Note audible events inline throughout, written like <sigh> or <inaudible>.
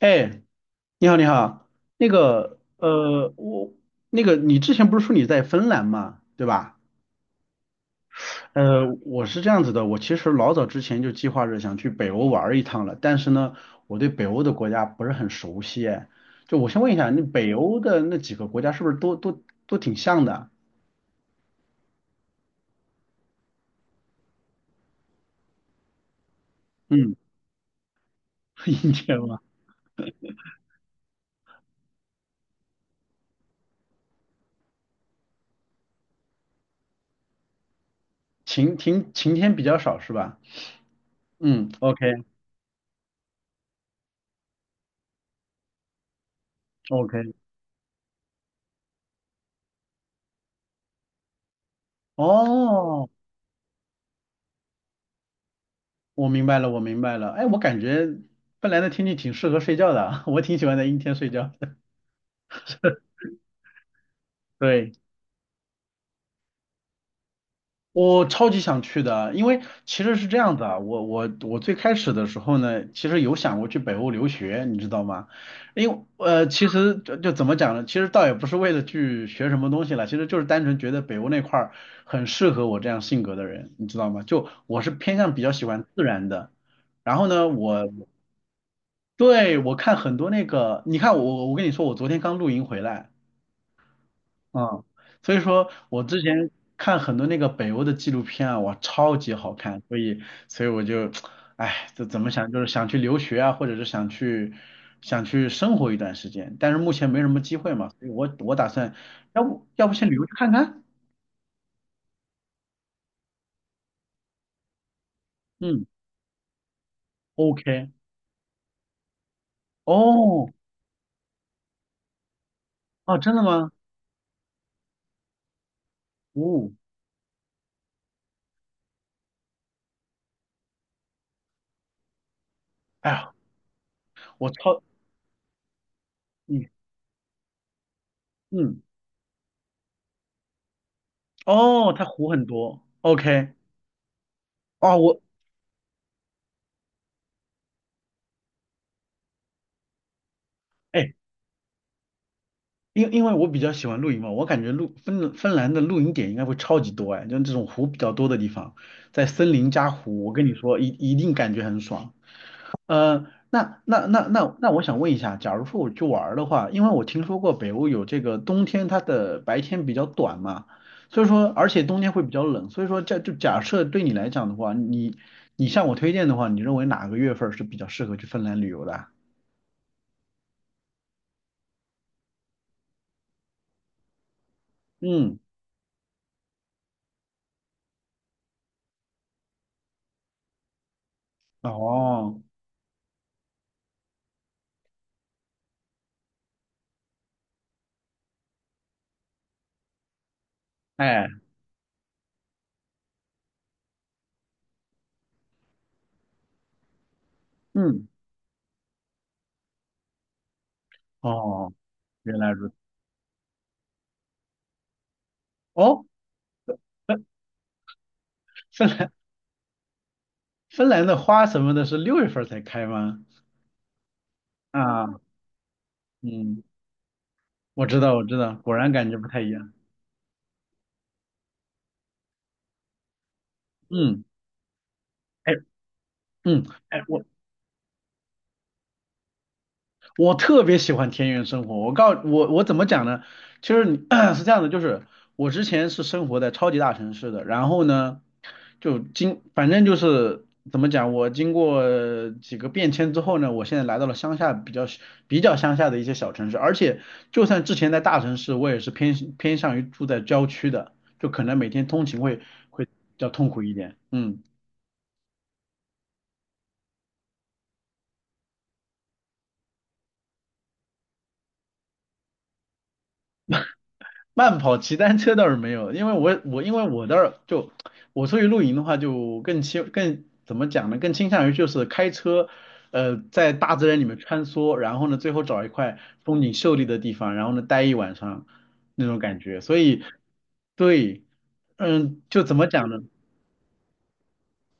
哎，你好，你好，那个，呃，我那个，你之前不是说你在芬兰嘛，对吧？我是这样子的，我其实老早之前就计划着想去北欧玩儿一趟了，但是呢，我对北欧的国家不是很熟悉，哎，就我先问一下，那北欧的那几个国家是不是都挺像的？嗯，<laughs> 阴天吗？晴天比较少是吧？嗯，OK OK，哦。我明白了，我明白了。哎，我感觉本来的天气挺适合睡觉的啊 <laughs> 我挺喜欢在阴天睡觉的。对。我超级想去的啊，因为其实是这样的，啊，我最开始的时候呢，其实有想过去北欧留学，你知道吗？因为其实就怎么讲呢，其实倒也不是为了去学什么东西了，其实就是单纯觉得北欧那块儿很适合我这样性格的人，你知道吗？就我是偏向比较喜欢自然的，然后呢，对，我看很多那个，你看，我跟你说，我昨天刚露营回来。嗯，所以说我之前看很多那个北欧的纪录片啊，哇，超级好看，所以我就，<tsk> 哎，这怎么想，就是想去留学啊，或者是想去生活一段时间，但是目前没什么机会嘛，所以我打算，要不先旅游去看看？嗯，OK，哦哦，真的吗？哦，哎呀，我超，嗯嗯，哦，它湖很多，OK，哦，哎。因为我比较喜欢露营嘛，我感觉芬兰的露营点应该会超级多哎，就是这种湖比较多的地方，在森林加湖，我跟你说一定感觉很爽。呃，那我想问一下，假如说我去玩儿的话，因为我听说过北欧有这个冬天它的白天比较短嘛，所以说而且冬天会比较冷，所以说这就假设对你来讲的话，你向我推荐的话，你认为哪个月份儿是比较适合去芬兰旅游的啊？嗯，哦，哎，嗯，哦。原来如此。哦，芬芬兰芬兰的花什么的是六月份儿才开吗？啊，嗯，我知道，我知道，果然感觉不太一样。嗯，哎，嗯，哎，我特别喜欢田园生活。我告我我怎么讲呢？其实你 <clears throat> 是这样的，就是我之前是生活在超级大城市的，然后呢，反正就是怎么讲，我经过几个变迁之后呢，我现在来到了乡下比较乡下的一些小城市，而且就算之前在大城市，我也是偏向于住在郊区的，就可能每天通勤会比较痛苦一点。嗯。慢跑、骑单车倒是没有，因为我我因为我倒是就我出去露营的话，就更怎么讲呢？更倾向于就是开车，呃，在大自然里面穿梭，然后呢，最后找一块风景秀丽的地方，然后呢，待一晚上那种感觉。所以，对，嗯，就怎么讲呢？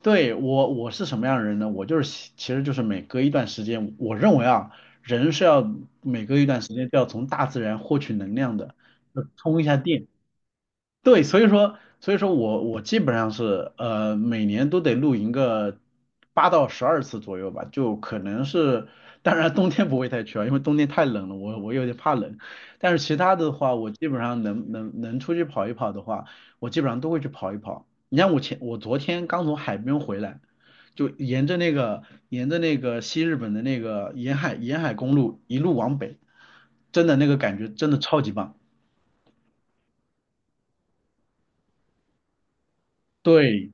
对，我是什么样的人呢？我就是喜其实就是每隔一段时间，我认为啊，人是要每隔一段时间就要从大自然获取能量的，要充一下电。对，所以说，我基本上是每年都得露营个8到12次左右吧，就可能是，当然冬天不会太去啊，因为冬天太冷了，我有点怕冷。但是其他的话，我基本上能出去跑一跑的话，我基本上都会去跑一跑。你像我昨天刚从海边回来，就沿着那个西日本的那个沿海公路一路往北，真的那个感觉真的超级棒。对，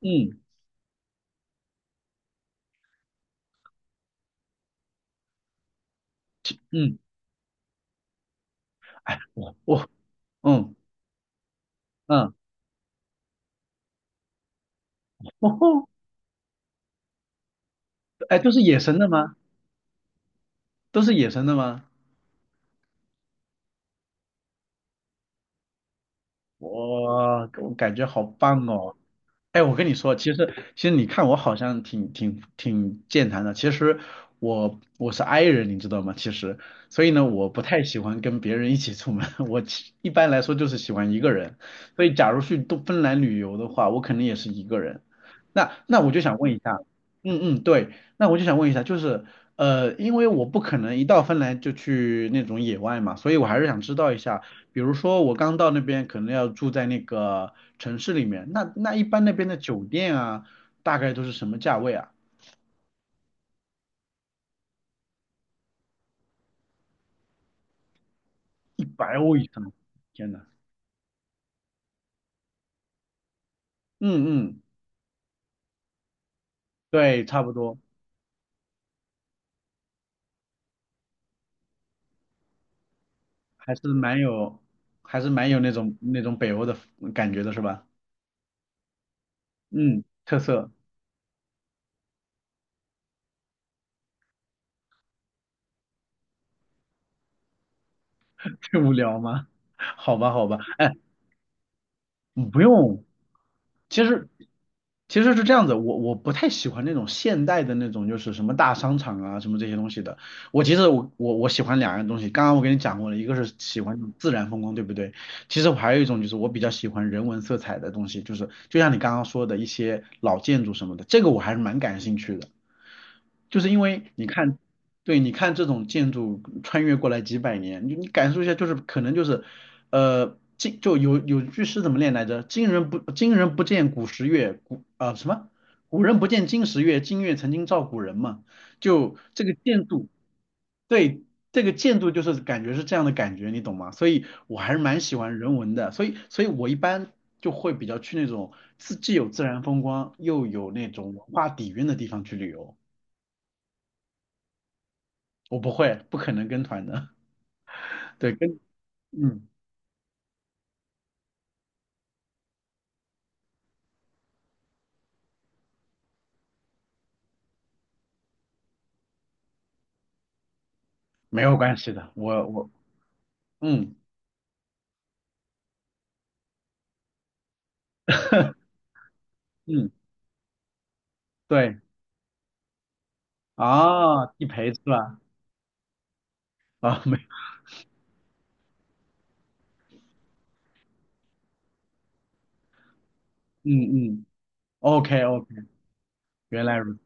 嗯嗯。<laughs> 哎，嗯嗯，哦，哎，都是野生的吗？都是野生的吗？我感觉好棒哦！哎，我跟你说，其实你看我好像挺健谈的，其实我是 i 人，你知道吗？其实，所以呢，我不太喜欢跟别人一起出门，<laughs> 一般来说就是喜欢一个人。所以，假如去东芬兰旅游的话，我肯定也是一个人。那我就想问一下，嗯嗯，对，那我就想问一下，就是因为我不可能一到芬兰就去那种野外嘛，所以我还是想知道一下。比如说我刚到那边，可能要住在那个城市里面，那一般那边的酒店啊，大概都是什么价位啊？100欧以上，天呐，嗯嗯，对，差不多，还是蛮有，还是蛮有那种北欧的感觉的，是吧？嗯，特色，<laughs> 去无聊吗？<laughs> 好吧，好吧，哎。嗯，不用，其实其实是这样子，我我不太喜欢那种现代的那种，就是什么大商场啊，什么这些东西的。其实我喜欢两样东西，刚刚我跟你讲过了，一个是喜欢那种自然风光，对不对？其实我还有一种就是我比较喜欢人文色彩的东西，就是就像你刚刚说的一些老建筑什么的，这个我还是蛮感兴趣的。就是因为你看，对，你看这种建筑穿越过来几百年，你感受一下，就是可能就是，呃，有句诗怎么念来着？今人不见古时月，古啊、什么？古人不见今时月，今月曾经照古人嘛。就这个建筑，对，这个建筑就是感觉是这样的感觉，你懂吗？所以我还是蛮喜欢人文的，所以我一般就会比较去那种既有自然风光又有那种文化底蕴的地方去旅游。我不会，不可能跟团的。<laughs> 对，嗯，没有关系的。我嗯 <laughs> 嗯，对啊，地陪是吧？啊没嗯嗯，OK OK，原来如此。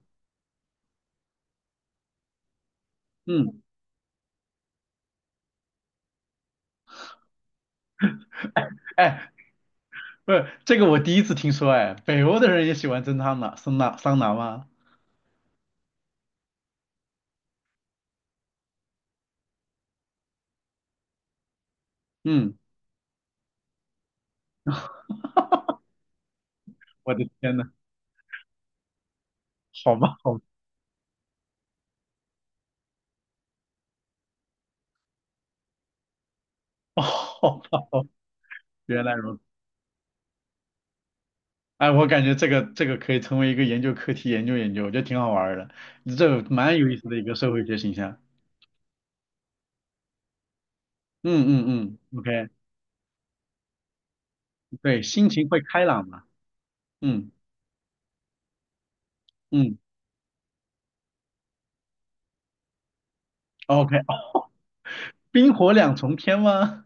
嗯，哎，不是这个我第一次听说，哎，北欧的人也喜欢蒸桑拿吗？嗯，我的天呐，好吧好吧 <laughs> 好吧好吧。原来如此。哎，我感觉这个可以成为一个研究课题，研究研究，我觉得挺好玩儿的，这蛮有意思的一个社会学形象。嗯嗯嗯，OK，对，心情会开朗嘛，嗯嗯，OK，哦，冰火两重天吗？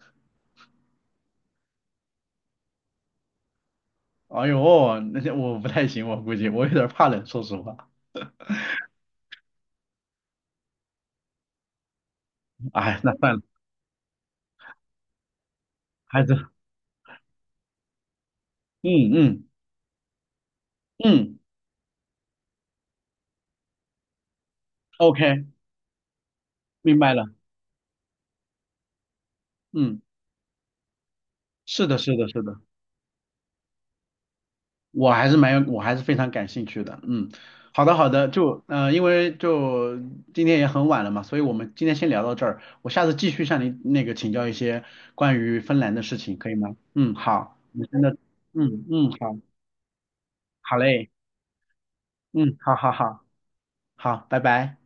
<laughs> 哎呦，那些我不太行，我估计我有点儿怕冷，说实话。哎，那算了，孩子，嗯嗯嗯，OK，明白了，嗯，是的，是的，是的。我还是蛮有，我还是非常感兴趣的。嗯，好的好的，就因为就今天也很晚了嘛，所以我们今天先聊到这儿。我下次继续向您那个请教一些关于芬兰的事情，可以吗？嗯，好，你真的，嗯嗯，好，好嘞，嗯，好好好，好，拜拜。